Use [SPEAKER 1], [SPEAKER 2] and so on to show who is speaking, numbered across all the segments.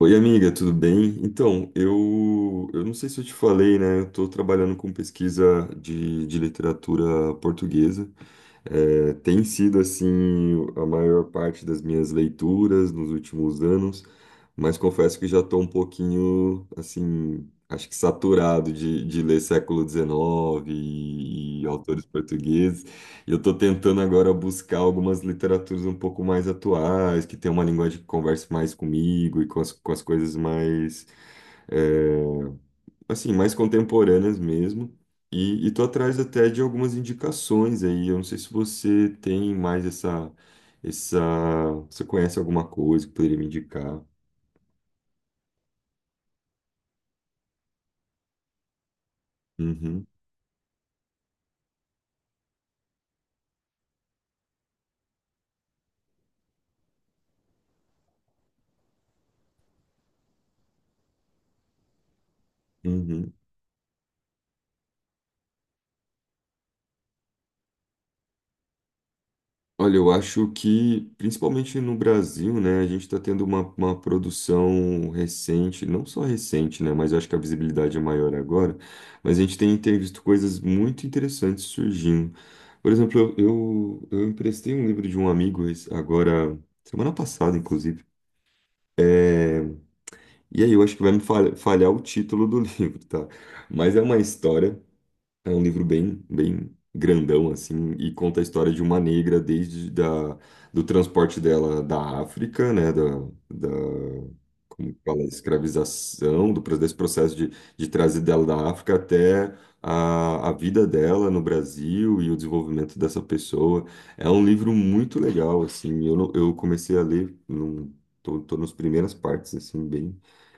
[SPEAKER 1] Oi, amiga, tudo bem? Então, eu não sei se eu te falei, né? Eu estou trabalhando com pesquisa de literatura portuguesa. É, tem sido, assim, a maior parte das minhas leituras nos últimos anos, mas confesso que já estou um pouquinho, assim, acho que saturado de ler século XIX e autores portugueses. Eu estou tentando agora buscar algumas literaturas um pouco mais atuais, que tem uma linguagem que converse mais comigo e com as coisas mais, é, assim, mais contemporâneas mesmo. E estou atrás até de algumas indicações aí. Eu não sei se você tem mais essa, você conhece alguma coisa que poderia me indicar? Uhum, uhum. Olha, eu acho que, principalmente no Brasil, né, a gente está tendo uma produção recente, não só recente, né, mas eu acho que a visibilidade é maior agora, mas a gente tem visto coisas muito interessantes surgindo. Por exemplo, eu emprestei um livro de um amigo agora, semana passada, inclusive, é, e aí eu acho que vai me falhar o título do livro, tá? Mas é uma história, é um livro bem, bem grandão, assim, e conta a história de uma negra do transporte dela da África, né, da, como que fala, escravização, desse processo de trazer dela da África até a vida dela no Brasil e o desenvolvimento dessa pessoa. É um livro muito legal, assim, eu, não- eu comecei a ler, num, tô nas primeiras partes, assim, bem,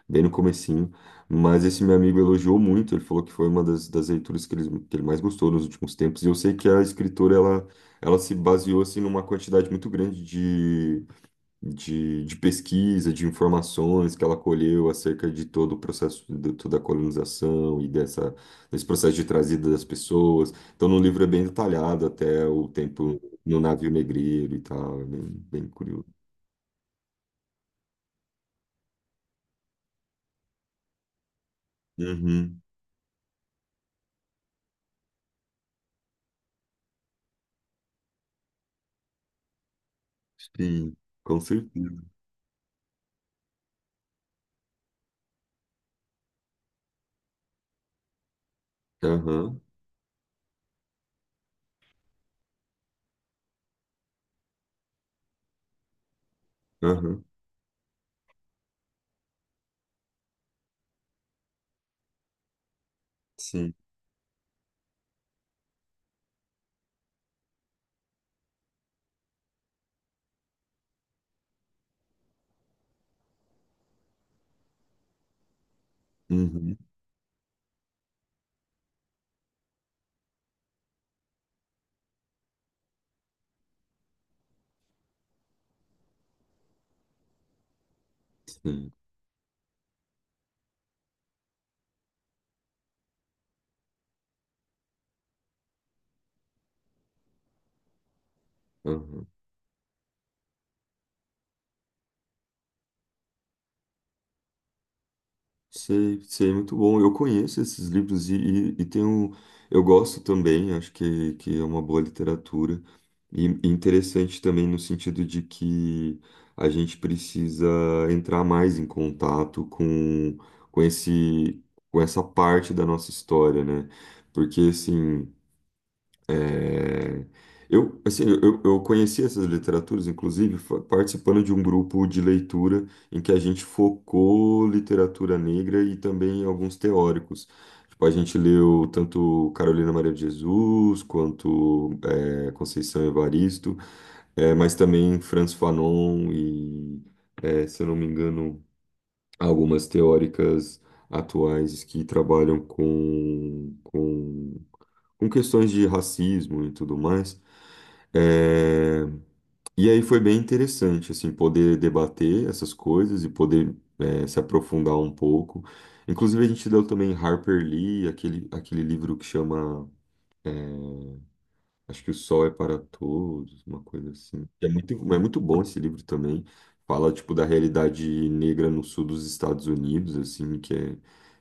[SPEAKER 1] bem no começo, mas esse meu amigo elogiou muito, ele falou que foi uma das leituras que ele mais gostou nos últimos tempos. E eu sei que a escritora, ela se baseou, assim, numa quantidade muito grande de pesquisa, de informações que ela colheu acerca de todo o processo, de toda a colonização e desse processo de trazida das pessoas. Então, no livro é bem detalhado até o tempo no navio negreiro e tal, é bem, bem curioso. Uhum, sim, com certeza. Aham, aham, sim. Uhum. Sim, aham. Sei, sei, muito bom. Eu conheço esses livros e tenho, eu gosto também, acho que é uma boa literatura. E interessante também no sentido de que a gente precisa entrar mais em contato com esse, com essa parte da nossa história, né? Porque, assim, É, eu, assim, eu conheci essas literaturas, inclusive, participando de um grupo de leitura em que a gente focou literatura negra e também alguns teóricos. Tipo, a gente leu tanto Carolina Maria de Jesus quanto Conceição Evaristo, mas também Franz Fanon e, é, se eu não me engano, algumas teóricas atuais que trabalham com com questões de racismo e tudo mais. É, E aí foi bem interessante, assim, poder debater essas coisas e poder, é, se aprofundar um pouco. Inclusive, a gente leu também Harper Lee, aquele livro que chama, acho que, O Sol é para Todos, uma coisa assim. É muito bom esse livro também. Fala, tipo, da realidade negra no sul dos Estados Unidos, assim,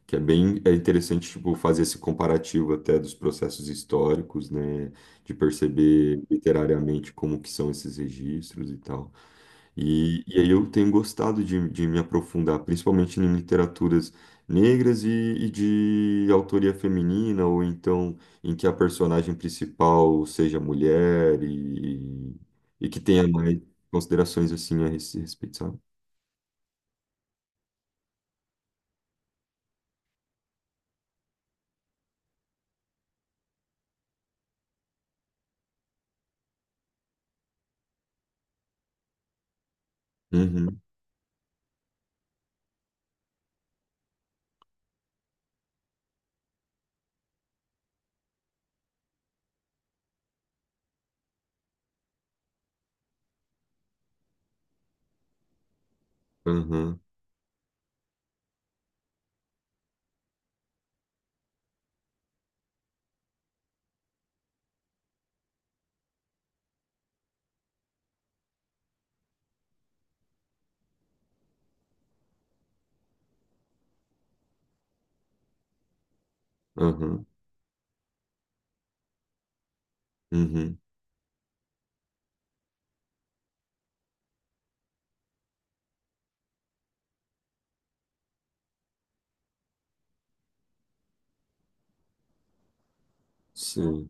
[SPEAKER 1] que é bem, é interessante, tipo, fazer esse comparativo até dos processos históricos, né, de perceber literariamente como que são esses registros e tal. E aí eu tenho gostado de me aprofundar, principalmente em literaturas negras e de autoria feminina, ou então em que a personagem principal seja mulher e que tenha mais considerações assim a esse respeito, sabe? Uhum, uhum, uhum, uhum, sim,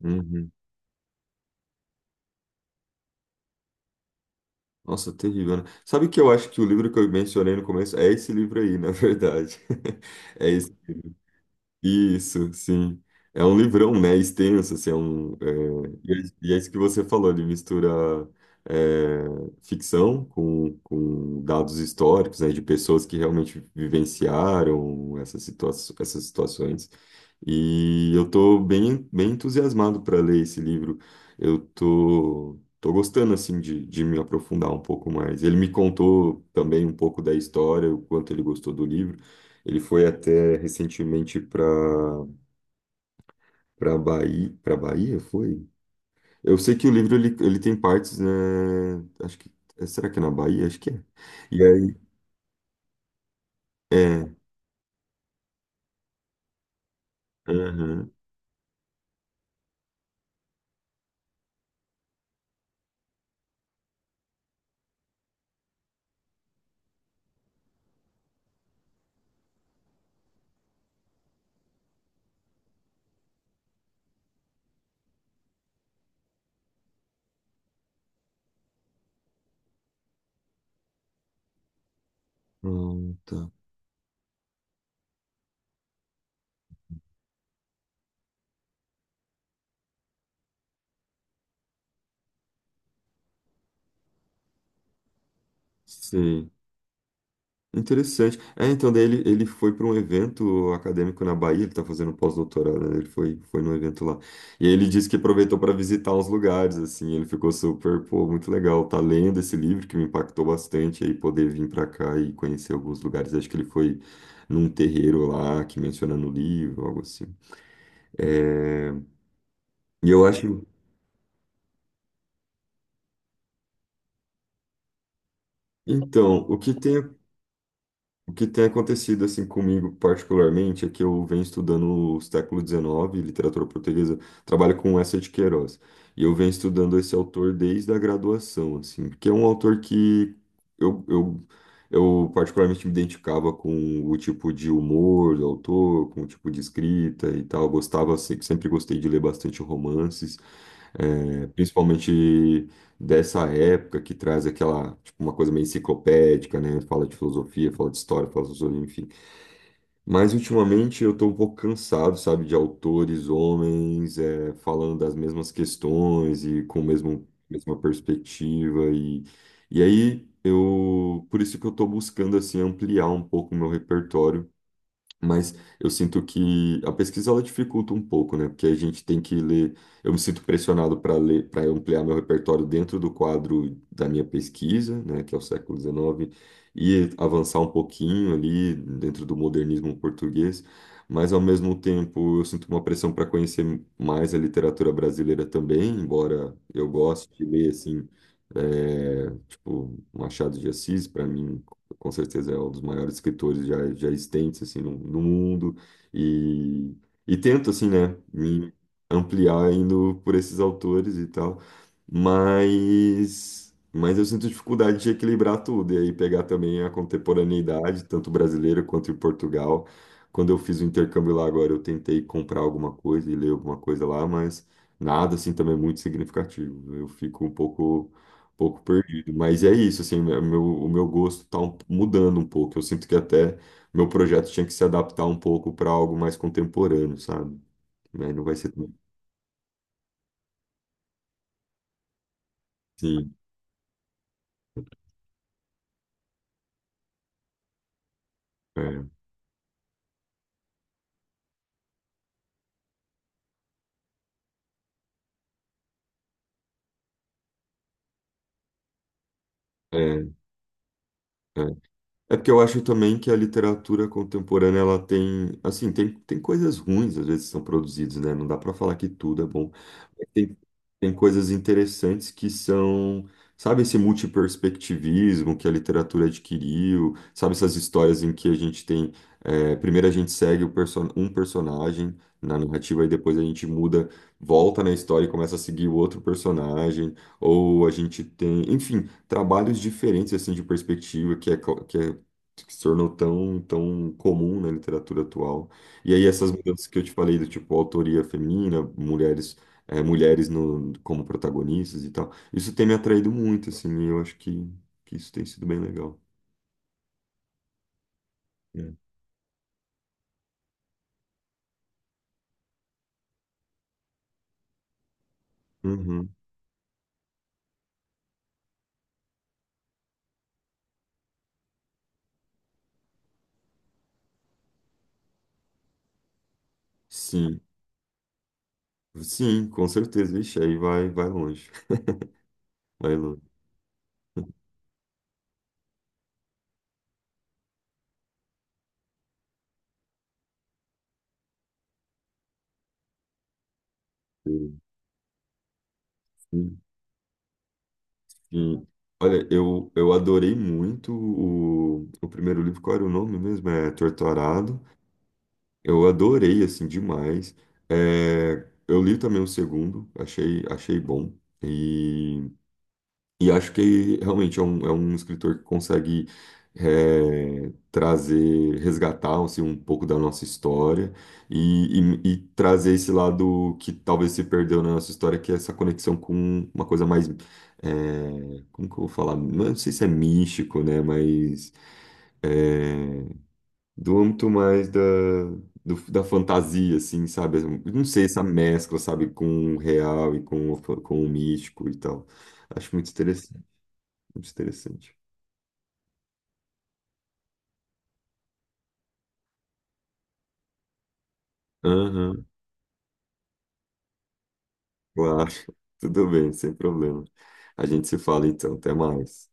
[SPEAKER 1] uhum. Nossa, terrível, né? Sabe o que eu acho? Que o livro que eu mencionei no começo é esse livro aí, na verdade. É esse. Isso, sim. É um livrão, né? Extenso, assim, é um, é, e é é isso que você falou, ele mistura, é, ficção com dados históricos, né? De pessoas que realmente vivenciaram essas situa essas situações. E eu tô bem, bem entusiasmado para ler esse livro. Eu tô gostando, assim, de me aprofundar um pouco mais. Ele me contou também um pouco da história, o quanto ele gostou do livro. Ele foi até recentemente para Bahia foi? Eu sei que o livro ele tem partes, né? Acho que será que é na Bahia? Acho que é. E aí é, aham. Ah, tá. Sim. Interessante. É, então, daí ele foi para um evento acadêmico na Bahia, ele está fazendo um pós-doutorado, né? Ele foi, foi num evento lá. E aí ele disse que aproveitou para visitar uns lugares, assim, ele ficou super, pô, muito legal. Tá lendo esse livro que me impactou bastante, aí poder vir para cá e conhecer alguns lugares. Acho que ele foi num terreiro lá que menciona no livro, algo assim. É, e eu acho. Então, o que tem acontecido assim comigo particularmente é que eu venho estudando o século XIX, literatura portuguesa, trabalho com essa de Queiroz. E eu venho estudando esse autor desde a graduação, assim, porque é um autor que eu, eu, eu particularmente me identificava com o tipo de humor do autor, com o tipo de escrita e tal. Gostava, sempre gostei de ler bastante romances. É, principalmente dessa época que traz aquela, tipo, uma coisa meio enciclopédica, né? Fala de filosofia, fala de história, fala de filosofia, enfim. Mas ultimamente eu tô um pouco cansado, sabe, de autores, homens, é, falando das mesmas questões e com o mesma perspectiva e aí eu, por isso que eu tô buscando, assim, ampliar um pouco o meu repertório, mas eu sinto que a pesquisa ela dificulta um pouco, né? Porque a gente tem que ler. Eu me sinto pressionado para ler, para ampliar meu repertório dentro do quadro da minha pesquisa, né? Que é o século XIX, e avançar um pouquinho ali dentro do modernismo português. Mas ao mesmo tempo eu sinto uma pressão para conhecer mais a literatura brasileira também, embora eu goste de ler assim, é, tipo Machado de Assis, para mim com certeza é um dos maiores escritores já existentes assim no mundo e, e tento assim, né, me ampliar indo por esses autores e tal, mas eu sinto dificuldade de equilibrar tudo e aí pegar também a contemporaneidade tanto brasileira quanto em Portugal. Quando eu fiz o intercâmbio lá agora eu tentei comprar alguma coisa e ler alguma coisa lá, mas nada assim também é muito significativo, eu fico um pouco perdido. Mas é isso, assim, o meu gosto tá mudando um pouco. Eu sinto que até meu projeto tinha que se adaptar um pouco para algo mais contemporâneo, sabe? Mas não vai ser tão. Sim, é, é, é. É porque eu acho também que a literatura contemporânea ela tem, assim, tem coisas ruins às vezes que são produzidas, né? Não dá para falar que tudo é bom. Mas tem, tem coisas interessantes que são, sabe, esse multiperspectivismo que a literatura adquiriu, sabe, essas histórias em que a gente tem, é, primeiro a gente segue o perso um personagem na narrativa e depois a gente muda, volta na história e começa a seguir o outro personagem, ou a gente tem, enfim, trabalhos diferentes assim de perspectiva que é que se tornou tão, tão comum na literatura atual. E aí essas mudanças que eu te falei, do tipo autoria feminina, mulheres, eh, mulheres no, como protagonistas e tal, isso tem me atraído muito, assim, e eu acho que isso tem sido bem legal. É. Uhum. Sim, sim, com certeza. Ixi, aí vai, vai longe. Vai longe. Sim, sim. Olha, eu adorei muito o primeiro livro. Qual era o nome mesmo? É Torturado. Eu adorei, assim, demais. É, eu li também o segundo, achei, achei bom. E, e acho que realmente é um escritor que consegue, é, trazer, resgatar assim, um pouco da nossa história e trazer esse lado que talvez se perdeu na nossa história, que é essa conexão com uma coisa mais, é, como que eu vou falar? Não sei se é místico, né? Mas. É, do âmbito mais da fantasia, assim, sabe? Eu não sei, essa mescla, sabe, com o real e com o, com o místico e tal. Acho muito interessante, muito interessante. Aham, claro. Tudo bem, sem problema. A gente se fala então, até mais.